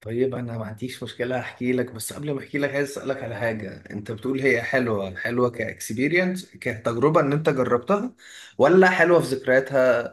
طيب، انا ما عنديش مشكله احكي لك، بس قبل ما احكي لك عايز اسالك على حاجه. انت بتقول هي حلوه حلوه كاكسبيرينس كتجربه ان انت جربتها، ولا حلوه في ذكرياتها؟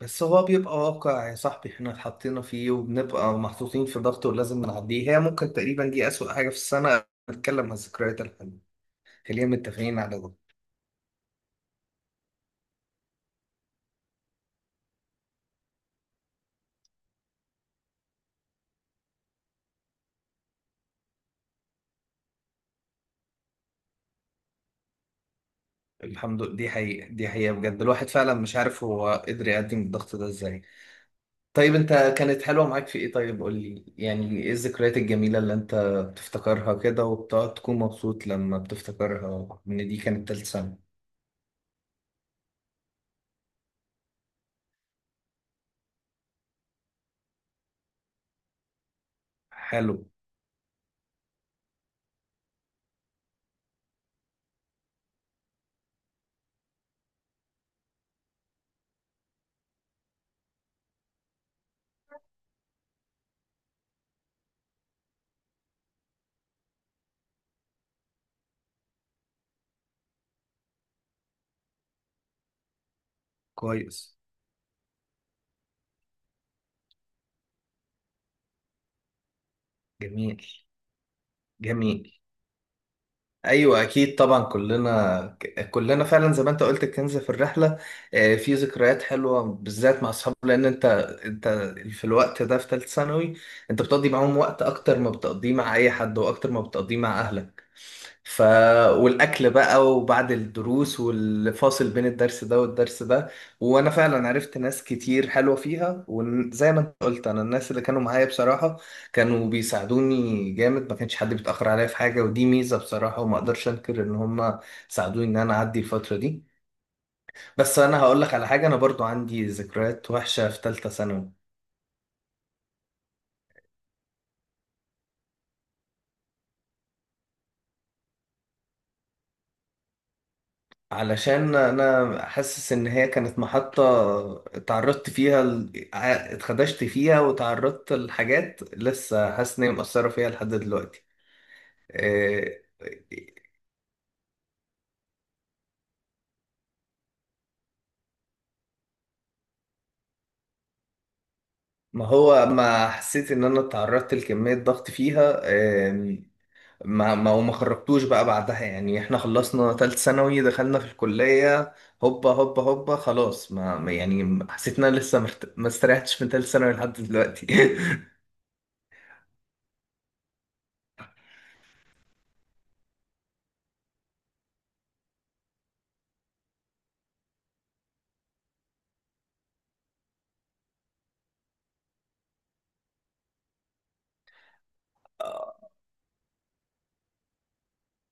بس هو بيبقى واقع يا صاحبي، احنا اتحطينا فيه وبنبقى محطوطين في ضغط ولازم نعديه. هي ممكن تقريبا دي اسوأ حاجه في السنه. نتكلم عن الذكريات الحلوه، خلينا متفقين على ده. الحمد لله. دي حقيقه، دي حقيقه بجد. الواحد فعلا مش عارف هو قدر يقدم الضغط ده ازاي. طيب انت، كانت حلوة معاك في ايه؟ طيب قول لي يعني، ايه الذكريات الجميلة اللي انت بتفتكرها كده وبتقعد تكون مبسوط لما بتفتكرها، ان دي كانت تالت سنة؟ حلو. كويس. جميل. جميل. ايوه، اكيد طبعا. كلنا، كلنا فعلا زي ما انت قلت، الكنز في الرحله. في ذكريات حلوه بالذات مع اصحابه، لان انت انت في الوقت ده في ثالثه ثانوي، انت بتقضي معاهم وقت اكتر ما بتقضيه مع اي حد واكتر ما بتقضيه مع اهلك. ف والاكل بقى، وبعد الدروس، والفاصل بين الدرس ده والدرس ده. وانا فعلا عرفت ناس كتير حلوه فيها، وزي ما انت قلت، انا الناس اللي كانوا معايا بصراحه كانوا بيساعدوني جامد، ما كانش حد بيتأخر عليا في حاجة، ودي ميزة بصراحة، وما اقدرش انكر ان هم ساعدوني ان انا اعدي الفترة دي. بس انا هقول لك على حاجة، انا برضو عندي ذكريات وحشة في ثالثة ثانوي. علشان انا حاسس ان هي كانت محطة اتعرضت فيها اتخدشت فيها وتعرضت لحاجات لسه حاسس ان هي مؤثرة فيها لحد دلوقتي. إيه، ما هو، ما حسيت ان انا اتعرضت لكمية ضغط فيها. آم، ما ما وما خرجتوش بقى بعدها، يعني احنا خلصنا تالت ثانوي دخلنا في الكلية، هوبا هوبا هوبا خلاص، يعني حسيت ان انا لسه ما استريحتش من تالت ثانوي لحد دلوقتي.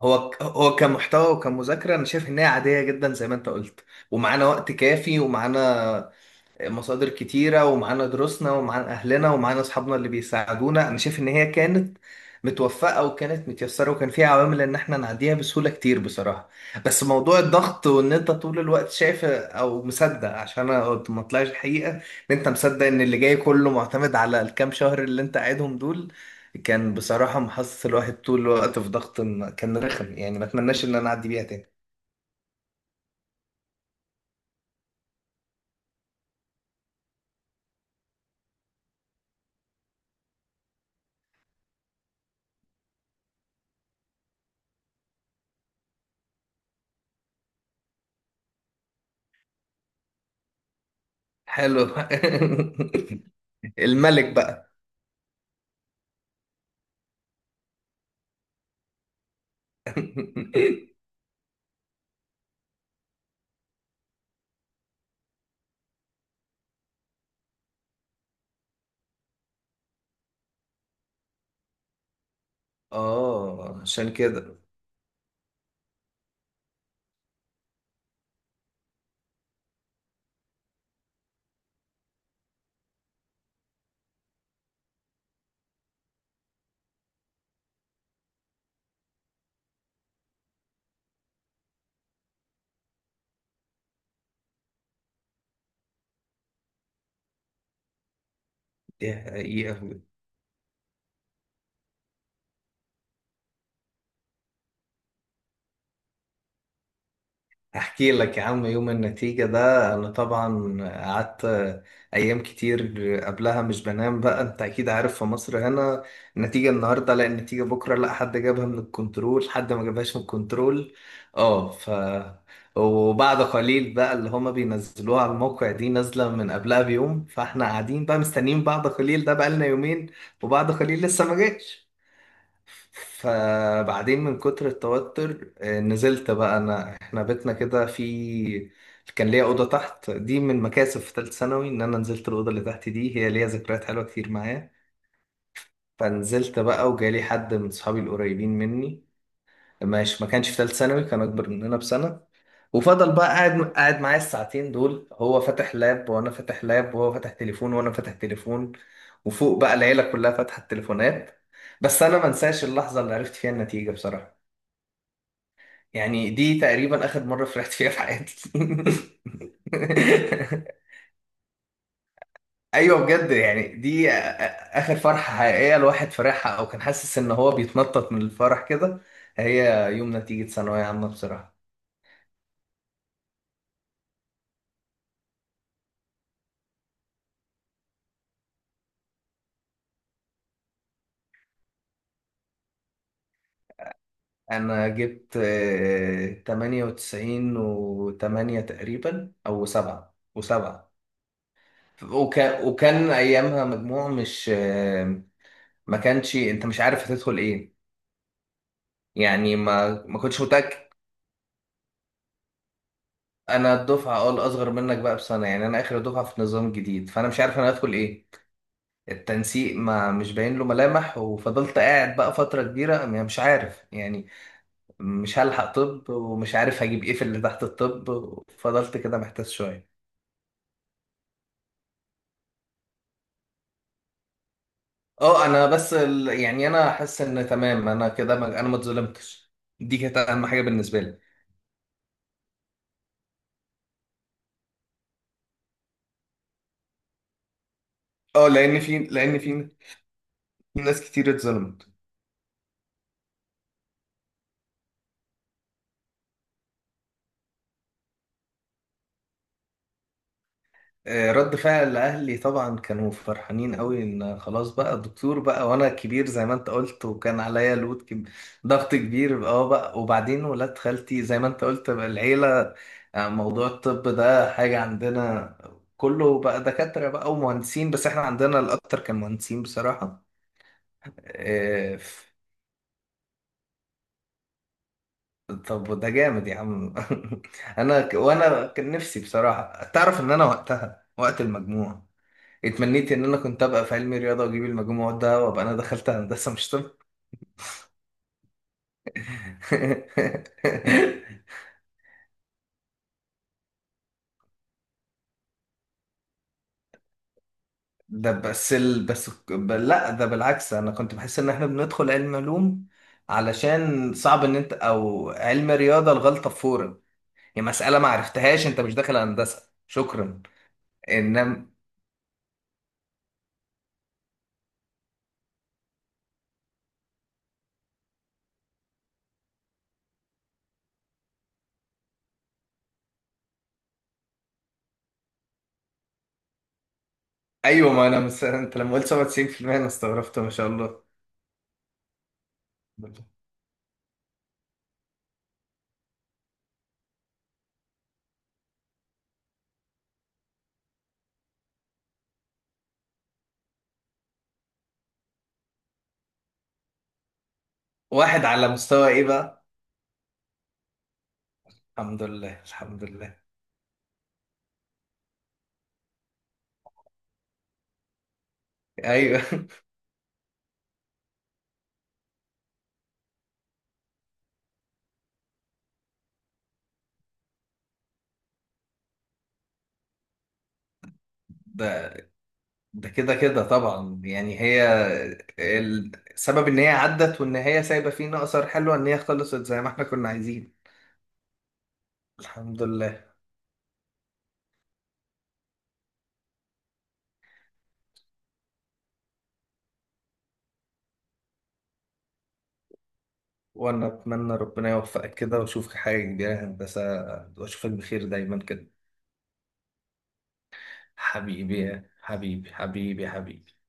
هو كمحتوى وكمذاكرة انا شايف ان هي عادية جدا زي ما انت قلت، ومعانا وقت كافي، ومعانا مصادر كتيرة، ومعانا دروسنا، ومعانا أهلنا، ومعانا أصحابنا اللي بيساعدونا. أنا شايف إن هي كانت متوفقة وكانت متيسرة وكان فيها عوامل إن إحنا نعديها بسهولة، كتير بصراحة. بس موضوع الضغط، وإن أنت طول الوقت شايف أو مصدق، عشان أنا ما طلعش الحقيقة، إن أنت مصدق إن اللي جاي كله معتمد على الكام شهر اللي أنت قاعدهم دول، كان بصراحة محسس الواحد طول الوقت في ضغط. كان رخم، يعني ما أتمناش إن أنا أعدي بيها تاني. حلو. الملك بقى. اه، عشان كده. دي حقيقة. هحكي لك يا عم. يوم النتيجة ده انا طبعا قعدت ايام كتير قبلها مش بنام. بقى انت اكيد عارف، في مصر هنا، النتيجة النهاردة، لا النتيجة بكرة، لا حد جابها من الكنترول، حد ما جابهاش من الكنترول. اه. وبعد قليل بقى اللي هما بينزلوها على الموقع دي نازلة من قبلها بيوم، فاحنا قاعدين بقى مستنيين، بعد قليل ده بقى لنا يومين، وبعد قليل لسه ما جاش. فبعدين من كتر التوتر نزلت بقى انا. احنا بيتنا كده، كان ليا اوضه تحت، دي من مكاسب في ثالثه ثانوي، ان انا نزلت الاوضه اللي تحت، دي هي ليا ذكريات حلوه كتير معايا. فنزلت بقى وجالي حد من صحابي القريبين مني، ماشي، ما كانش في ثالثه ثانوي، كان اكبر مننا بسنه. وفضل بقى قاعد قاعد معايا الساعتين دول، هو فاتح لاب وانا فاتح لاب، وهو فاتح تليفون وانا فاتح تليفون، وفوق بقى العيله كلها فاتحه التليفونات. بس انا ما انساش اللحظه اللي عرفت فيها النتيجه بصراحه، يعني دي تقريبا اخر مرة فرحت فيها في حياتي. ايوه بجد، يعني دي اخر فرحة حقيقية الواحد فرحها، او كان حاسس ان هو بيتنطط من الفرح كده. هي، يوم نتيجة ثانوية عامة بصراحة. انا جبت 98 و8 تقريبا، او 7 و7. وكان ايامها مجموع مش ما كانش، انت مش عارف هتدخل ايه، يعني ما ما كنتش متأكد. انا الدفعه، الاصغر منك بقى بسنه، يعني انا اخر دفعه في نظام جديد، فانا مش عارف انا هدخل ايه. التنسيق ما مش باين له ملامح، وفضلت قاعد بقى فتره كبيره أنا مش عارف يعني، مش هلحق طب، ومش عارف هجيب ايه في اللي تحت الطب، فضلت كده محتاس شويه. اه، انا بس يعني انا حاسس ان تمام، انا كده ما... انا ما اتظلمتش، دي كانت اهم حاجه بالنسبه لي. اه، لان في، ناس كتير اتظلمت. رد فعل اهلي طبعا كانوا فرحانين قوي، ان خلاص بقى دكتور بقى، وانا كبير زي ما انت قلت، وكان عليا لود ضغط كبير، اه بقى. وبعدين ولاد خالتي، زي ما انت قلت بقى، العيله، موضوع الطب ده حاجه عندنا، كله بقى دكاتره بقى ومهندسين، بس احنا عندنا الاكتر كان مهندسين بصراحه. آه، ف- طب ده جامد يا عم. وانا كان نفسي بصراحه تعرف، ان انا وقتها وقت المجموع اتمنيت ان انا كنت ابقى في علمي رياضه واجيب المجموع ده، وابقى انا دخلت هندسه مش طب. ده بس لا، ده بالعكس، انا كنت بحس ان احنا بندخل علم علوم علشان صعب ان انت، او علم رياضه الغلطه فورا، يعني مساله ما عرفتهاش انت مش داخل هندسه، شكرا. انما ايوه، ما انا مس... انت لما قلت 97% انا استغربت، ما شاء الله. واحد على مستوى ايه بقى؟ الحمد لله، الحمد لله. ايوه. ده، كده كده طبعا، يعني هي السبب ان هي عدت، وان هي سايبه فينا اثر حلو، ان هي خلصت زي ما احنا كنا عايزين. الحمد لله. وانا اتمنى ربنا يوفقك كده، واشوفك حاجه كبيره يا هندسه، واشوفك بخير دايما كده. حبيبي، يا حبيبي، حبيبي، حبيبي.